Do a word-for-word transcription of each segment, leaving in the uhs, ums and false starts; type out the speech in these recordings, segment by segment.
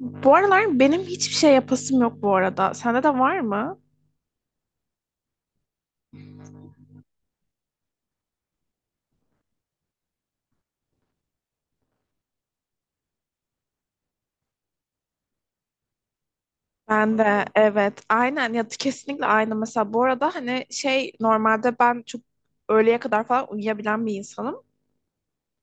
Bu aralar benim hiçbir şey yapasım yok bu arada. Sende de var mı? Ben de evet, aynen ya, kesinlikle aynı. Mesela bu arada hani şey, normalde ben çok öğleye kadar falan uyuyabilen bir insanım.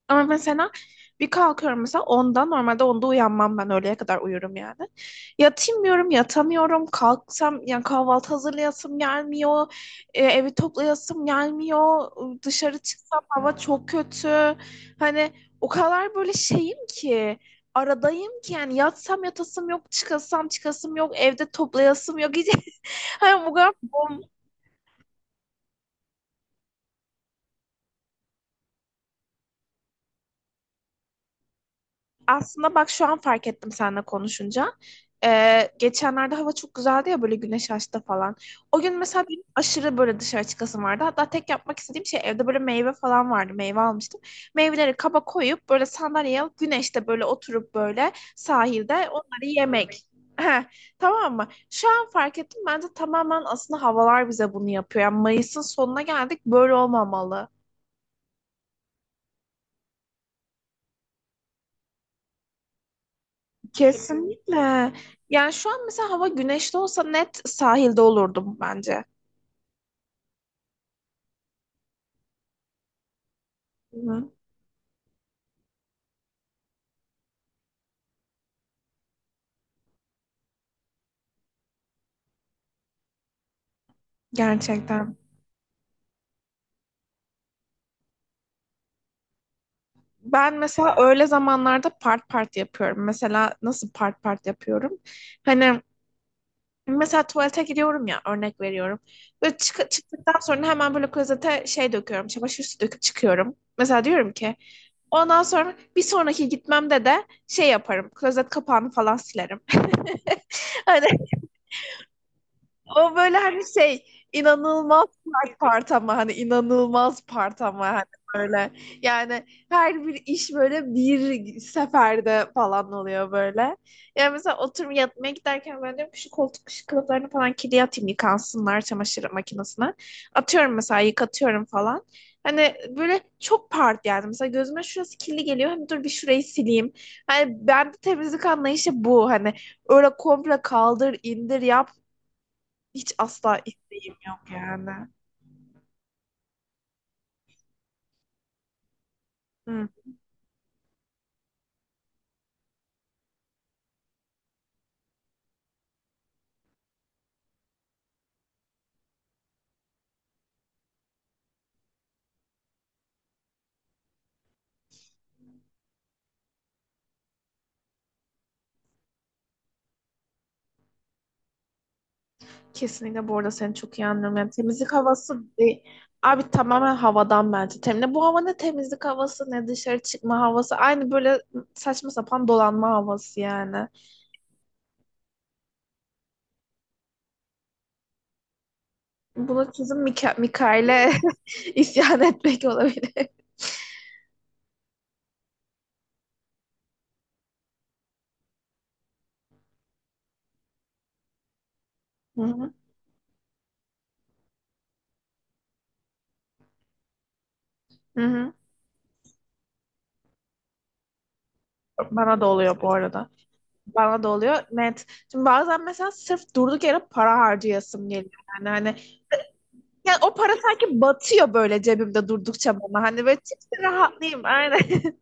Ama mesela bir kalkıyorum, mesela onda, normalde onda uyanmam ben, öğleye kadar uyurum yani. Yatayım diyorum yatamıyorum, kalksam yani kahvaltı hazırlayasım gelmiyor. E, evi toplayasım gelmiyor. Dışarı çıksam hava çok kötü. Hani o kadar böyle şeyim ki, aradayım ki, yani yatsam yatasım yok, çıkasam çıkasım yok, evde toplayasım yok. Hani bu kadar bom. Aslında bak şu an fark ettim seninle konuşunca. Ee, geçenlerde hava çok güzeldi ya, böyle güneş açtı falan. O gün mesela benim aşırı böyle dışarı çıkasım vardı. Hatta tek yapmak istediğim şey, evde böyle meyve falan vardı. Meyve almıştım. Meyveleri kaba koyup böyle sandalyeye alıp güneşte böyle oturup böyle sahilde onları yemek. Heh, tamam mı? Şu an fark ettim. Bence tamamen aslında havalar bize bunu yapıyor. Yani Mayıs'ın sonuna geldik. Böyle olmamalı. Kesinlikle. Yani şu an mesela hava güneşli olsa net sahilde olurdum bence. Hı. Gerçekten. Ben mesela öğle zamanlarda part part yapıyorum. Mesela nasıl part part yapıyorum? Hani mesela tuvalete gidiyorum ya, örnek veriyorum. Böyle çık çıktıktan sonra hemen böyle klozete şey döküyorum. Çamaşır suyu döküp çıkıyorum. Mesela diyorum ki ondan sonra bir sonraki gitmemde de şey yaparım. Klozet kapağını falan silerim. Hani o böyle hani şey, inanılmaz sert part ama hani, inanılmaz part ama hani böyle, yani her bir iş böyle bir seferde falan oluyor böyle. Yani mesela oturup yatmaya giderken ben diyorum ki şu koltuk, şu kılıflarını falan kirli, atayım yıkansınlar çamaşır makinesine. Atıyorum mesela, yıkatıyorum falan. Hani böyle çok part yani. Mesela gözüme şurası kirli geliyor. Hani dur bir şurayı sileyim. Hani ben de temizlik anlayışı bu. Hani öyle komple kaldır, indir, yap, hiç asla isteğim yok yani. Hı. Kesinlikle bu arada seni çok iyi anlıyorum. Yani temizlik havası değil. Abi tamamen havadan bence. Temizlik. Bu hava ne temizlik havası ne dışarı çıkma havası. Aynı böyle saçma sapan dolanma havası yani. Buna çözüm Mika Mikail'e isyan etmek olabilir. Hı hı. Hı hı. Bana da oluyor bu arada. Bana da oluyor. Net. Şimdi bazen mesela sırf durduk yere para harcayasım geliyor. Yani hani, yani o para sanki batıyor böyle cebimde durdukça bana. Hani böyle çıksın rahatlayayım. Aynen.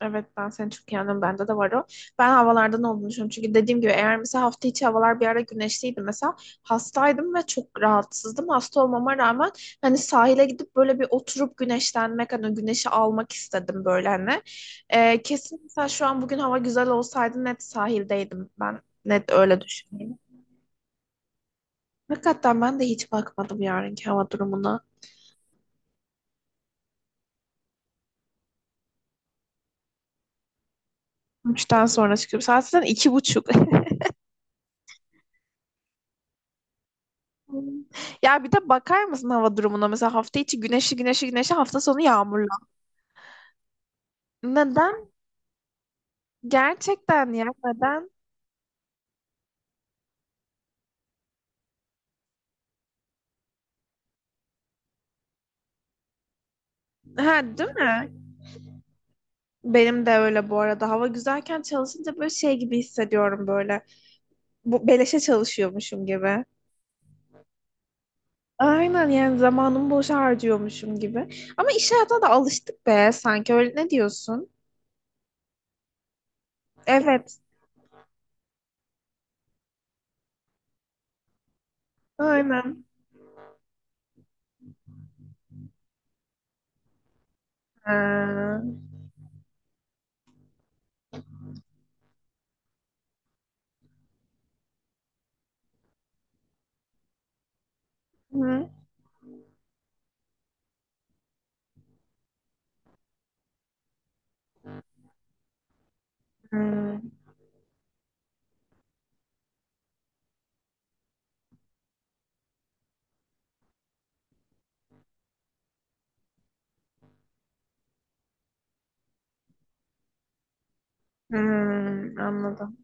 Evet ben seni çok iyi anlıyorum. Bende de var o. Ben havalardan olduğunu düşünüyorum. Çünkü dediğim gibi, eğer mesela hafta içi havalar bir ara güneşliydi mesela, hastaydım ve çok rahatsızdım. Hasta olmama rağmen hani sahile gidip böyle bir oturup güneşlenmek, hani güneşi almak istedim böyle hani. Ee, kesin mesela şu an bugün hava güzel olsaydı net sahildeydim ben. Net öyle düşünüyorum. Hakikaten ben de hiç bakmadım yarınki hava durumuna. Üçten sonra çıkıyorum. Saat zaten iki buçuk. Hı. Ya bir de bakar mısın hava durumuna? Mesela hafta içi güneşli güneşli güneşli, hafta sonu yağmurlu. Neden? Gerçekten ya, neden? Ha, değil mi? Benim de öyle bu arada. Hava güzelken çalışınca böyle şey gibi hissediyorum böyle. Bu beleşe çalışıyormuşum gibi. Aynen, yani zamanımı boşa harcıyormuşum gibi. Ama iş hayatına da alıştık be, sanki öyle, ne diyorsun? Evet. Aynen. Ha. Hı. Hı. Hı. Anladım.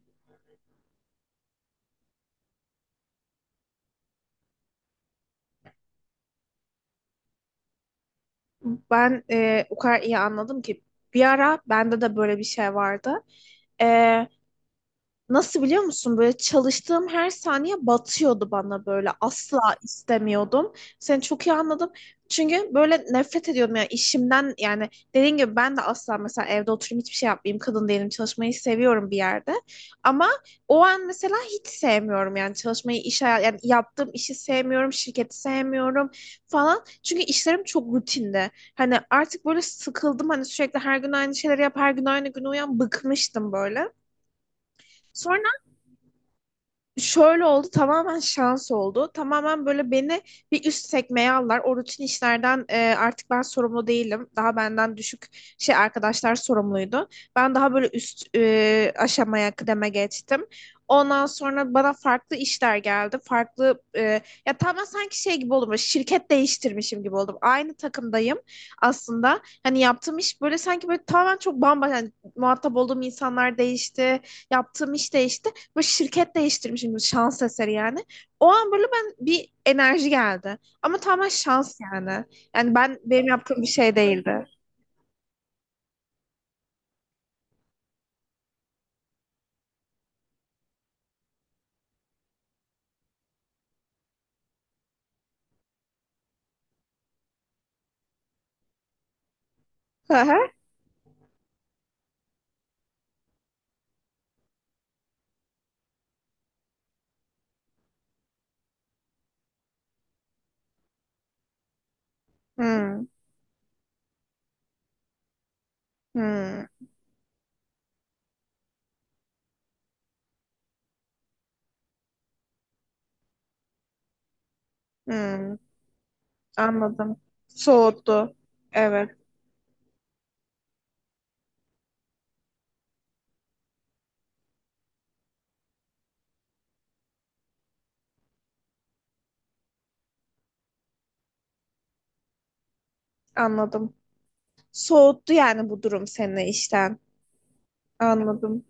Ben e, o kadar iyi anladım ki bir ara bende de böyle bir şey vardı. E, Nasıl biliyor musun? Böyle çalıştığım her saniye batıyordu bana böyle. Asla istemiyordum. Seni çok iyi anladım. Çünkü böyle nefret ediyordum yani işimden, yani dediğin gibi ben de asla mesela evde oturayım hiçbir şey yapmayayım, kadın değilim, çalışmayı seviyorum bir yerde. Ama o an mesela hiç sevmiyorum yani çalışmayı, iş hayat yani yaptığım işi sevmiyorum, şirketi sevmiyorum falan. Çünkü işlerim çok rutinde. Hani artık böyle sıkıldım, hani sürekli her gün aynı şeyleri yap, her gün aynı gün uyan, bıkmıştım böyle. Sonra şöyle oldu, tamamen şans oldu. Tamamen böyle beni bir üst sekmeye aldılar. O rutin işlerden e, artık ben sorumlu değilim. Daha benden düşük şey arkadaşlar sorumluydu. Ben daha böyle üst e, aşamaya, kıdeme geçtim. Ondan sonra bana farklı işler geldi. Farklı e, ya tamamen sanki şey gibi oldum, böyle şirket değiştirmişim gibi oldum. Aynı takımdayım aslında. Hani yaptığım iş böyle sanki böyle tamamen çok bambaşka, yani muhatap olduğum insanlar değişti. Yaptığım iş değişti, bu şirket değiştirmişim şans eseri yani. O an böyle ben bir enerji geldi. Ama tamamen şans yani. Yani ben, benim yaptığım bir şey değildi. Hı hı. Hmm, hmm, hmm. Anladım. Soğuttu. Evet, anladım. Soğuttu yani, bu durum seni işten. Anladım.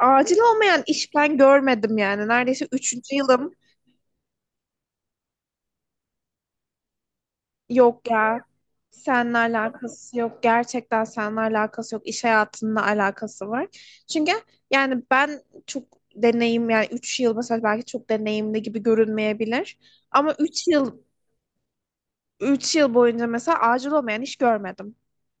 Acil olmayan iş ben görmedim yani. Neredeyse üçüncü yılım. Yok ya. Seninle alakası yok. Gerçekten seninle alakası yok. İş hayatında alakası var. Çünkü yani ben çok deneyim, yani üç yıl mesela belki çok deneyimli gibi görünmeyebilir. Ama üç yıl üç yıl boyunca mesela acil olmayan iş görmedim.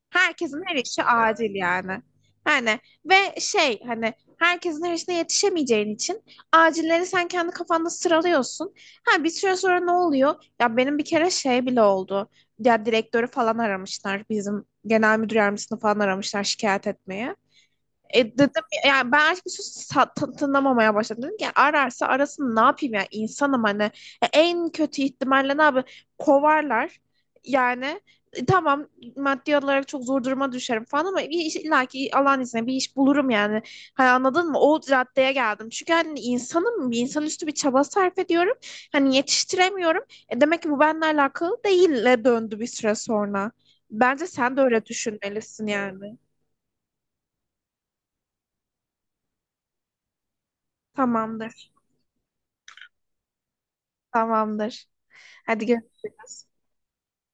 Herkesin her işi acil yani. Yani ve şey, hani herkesin her işine yetişemeyeceğin için acilleri sen kendi kafanda sıralıyorsun. Ha, bir süre sonra ne oluyor? Ya benim bir kere şey bile oldu. Ya direktörü falan aramışlar. Bizim genel müdür yardımcısını falan aramışlar şikayet etmeye. E dedim ya- yani ben artık bir sus- sa- ta- tınlamamaya başladım. Dedim ki ararsa arasın, ne yapayım ya, insanım hani. E, en kötü ihtimalle ne yapayım, kovarlar. Yani e, tamam, maddi olarak çok zor duruma düşerim falan ama bir iş, illa ki Allah'ın izniyle bir iş bulurum yani. Hani anladın mı? O raddeye geldim. Çünkü hani insanım, bir insanüstü bir çaba sarf ediyorum. Hani yetiştiremiyorum. E demek ki bu benimle alakalı değille döndü bir süre sonra. Bence sen de öyle düşünmelisin yani. Tamamdır. Tamamdır. Hadi görüşürüz.